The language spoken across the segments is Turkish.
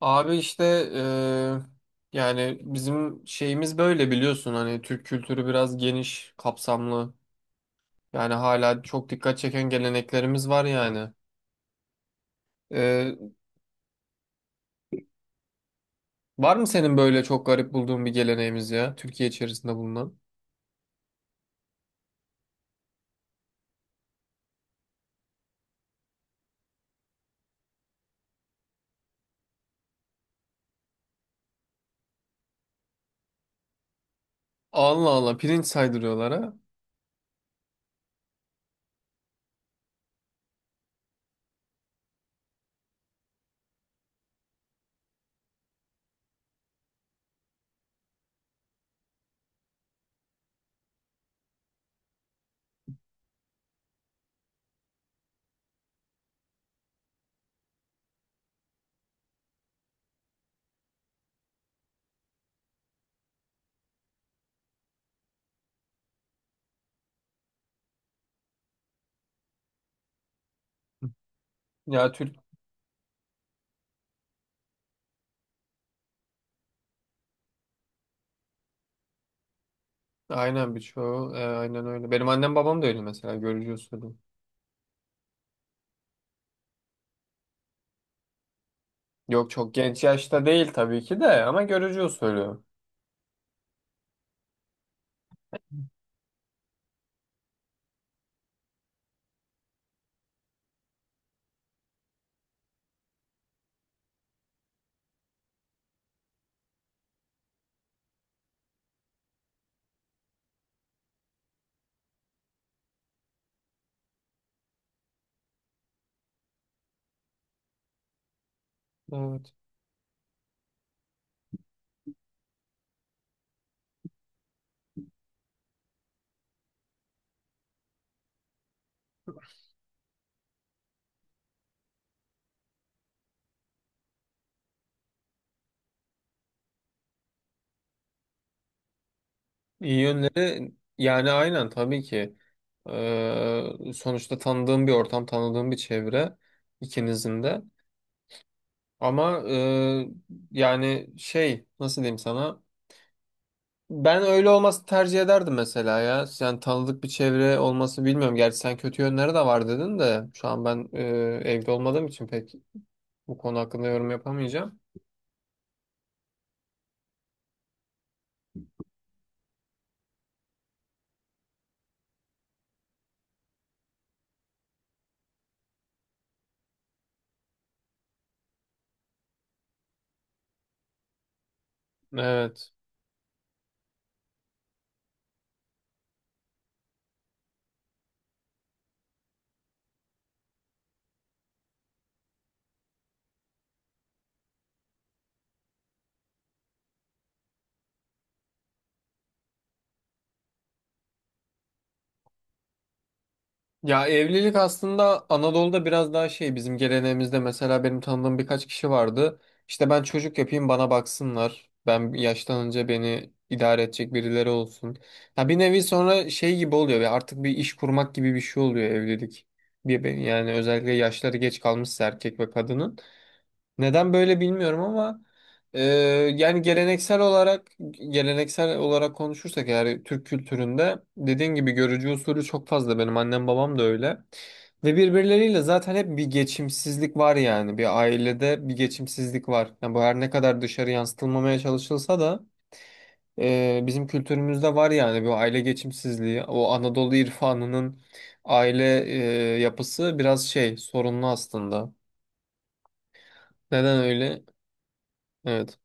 Abi işte eee, yani bizim şeyimiz böyle biliyorsun hani Türk kültürü biraz geniş, kapsamlı. Yani hala çok dikkat çeken geleneklerimiz var yani. Eee, var mı senin böyle çok garip bulduğun bir geleneğimiz ya Türkiye içerisinde bulunan? Allah Allah pirinç saydırıyorlar ha. Ya Türk aynen birçoğu aynen öyle. Benim annem babam da öyle mesela görücü usulü. Yok çok genç yaşta değil tabii ki de ama görücü usulü. Evet. İyi yönleri yani aynen tabii ki. Sonuçta tanıdığım bir ortam, tanıdığım bir çevre ikinizin de. Ama yani şey nasıl diyeyim sana? Ben öyle olması tercih ederdim mesela ya. Yani tanıdık bir çevre olması bilmiyorum. Gerçi sen kötü yönleri de var dedin de şu an ben evde olmadığım için pek bu konu hakkında yorum yapamayacağım. Evet. Ya evlilik aslında Anadolu'da biraz daha şey bizim geleneğimizde mesela benim tanıdığım birkaç kişi vardı. İşte ben çocuk yapayım bana baksınlar. Ben yaşlanınca beni idare edecek birileri olsun. Ya bir nevi sonra şey gibi oluyor ve artık bir iş kurmak gibi bir şey oluyor evlilik. Yani özellikle yaşları geç kalmışsa erkek ve kadının. Neden böyle bilmiyorum ama e, yani geleneksel olarak geleneksel olarak konuşursak eğer Türk kültüründe dediğin gibi görücü usulü çok fazla benim annem babam da öyle. Ve birbirleriyle zaten hep bir geçimsizlik var yani bir ailede bir geçimsizlik var. Yani bu her ne kadar dışarı yansıtılmamaya çalışılsa da bizim kültürümüzde var yani bu aile geçimsizliği. O Anadolu irfanının aile yapısı biraz şey sorunlu aslında. Neden öyle? Evet.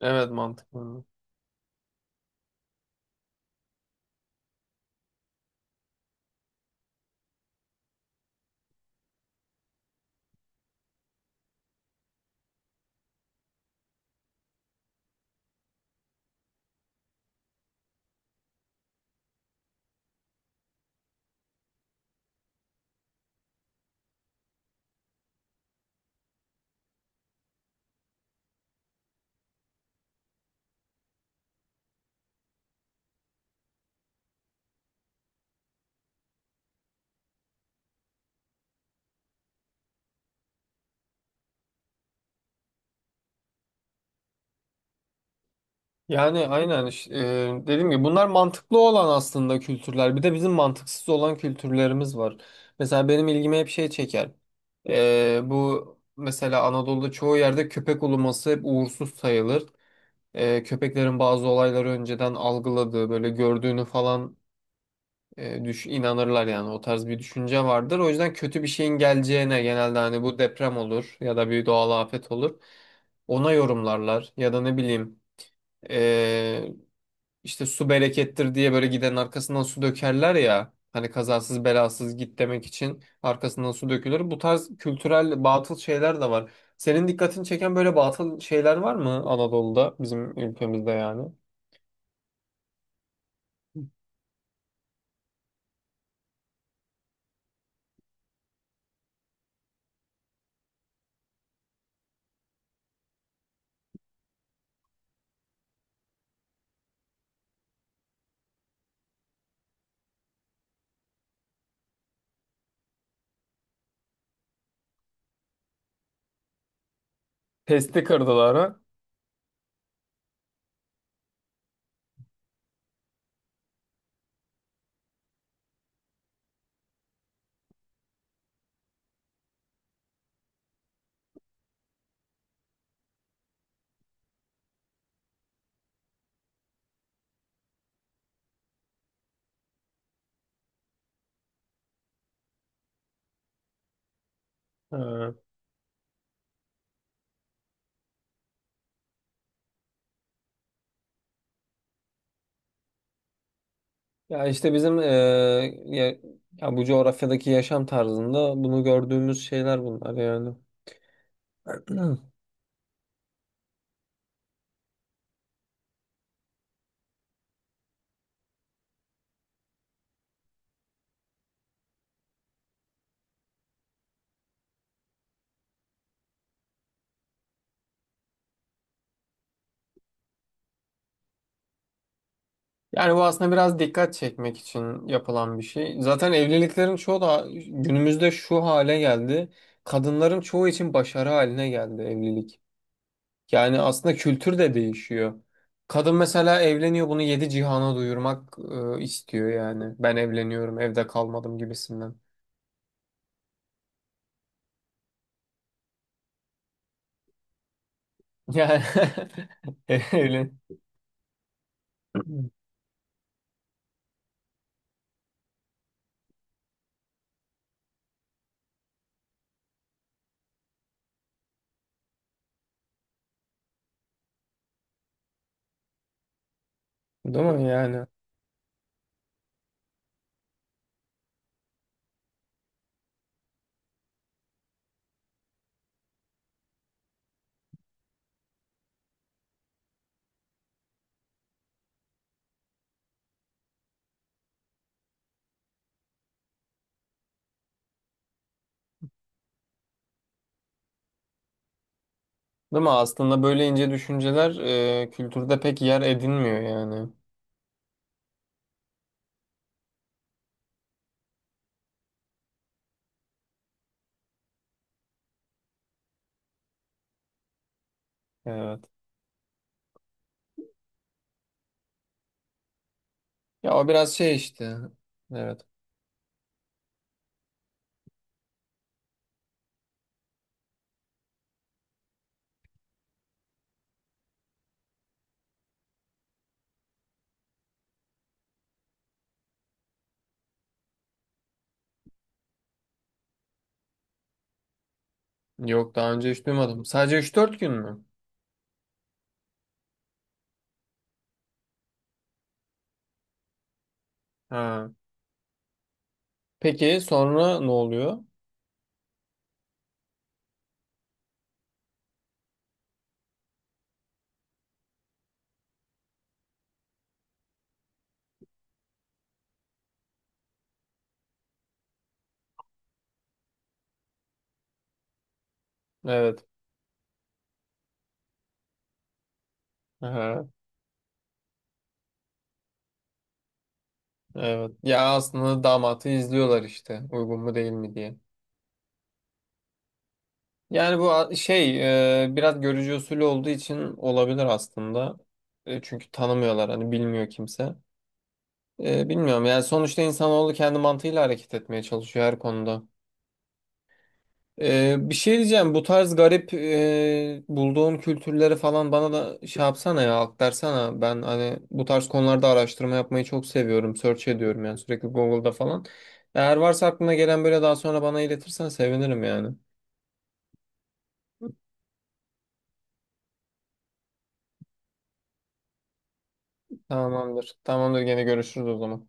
Evet mantıklı. Yani aynen işte, dediğim gibi bunlar mantıklı olan aslında kültürler. Bir de bizim mantıksız olan kültürlerimiz var. Mesela benim ilgimi hep şey çeker. Bu mesela Anadolu'da çoğu yerde köpek uluması hep uğursuz sayılır. Köpeklerin bazı olayları önceden algıladığı böyle gördüğünü falan düş inanırlar yani o tarz bir düşünce vardır. O yüzden kötü bir şeyin geleceğine genelde hani bu deprem olur ya da bir doğal afet olur. Ona yorumlarlar ya da ne bileyim. Ee, işte su berekettir diye böyle gidenin arkasından su dökerler ya. Hani kazasız belasız git demek için arkasından su dökülür. Bu tarz kültürel batıl şeyler de var. Senin dikkatini çeken böyle batıl şeyler var mı Anadolu'da bizim ülkemizde yani? Testi kırdılar ha. Ha. Ya işte bizim ya, ya bu coğrafyadaki yaşam tarzında bunu gördüğümüz şeyler bunlar yani. Yani bu aslında biraz dikkat çekmek için yapılan bir şey. Zaten evliliklerin çoğu da günümüzde şu hale geldi. Kadınların çoğu için başarı haline geldi evlilik. Yani aslında kültür de değişiyor. Kadın mesela evleniyor bunu yedi cihana duyurmak istiyor yani. Ben evleniyorum, evde kalmadım gibisinden. Yani evlen. Değil mi yani? Değil mi? Aslında böyle ince düşünceler kültürde pek yer edinmiyor yani. Evet. Ya o biraz şey işte. Evet. Yok daha önce hiç duymadım. Sadece üç dört gün mü? Ha. Peki sonra ne oluyor? Evet. Aha, evet. Ya aslında damatı izliyorlar işte. Uygun mu değil mi diye. Yani bu şey biraz görücü usulü olduğu için olabilir aslında. Çünkü tanımıyorlar hani bilmiyor kimse. Bilmiyorum yani sonuçta insanoğlu kendi mantığıyla hareket etmeye çalışıyor her konuda. Bir şey diyeceğim bu tarz garip bulduğun kültürleri falan bana da şey yapsana ya aktarsana ben hani bu tarz konularda araştırma yapmayı çok seviyorum search ediyorum yani sürekli Google'da falan eğer varsa aklına gelen böyle daha sonra bana iletirsen sevinirim yani tamamdır tamamdır gene görüşürüz o zaman.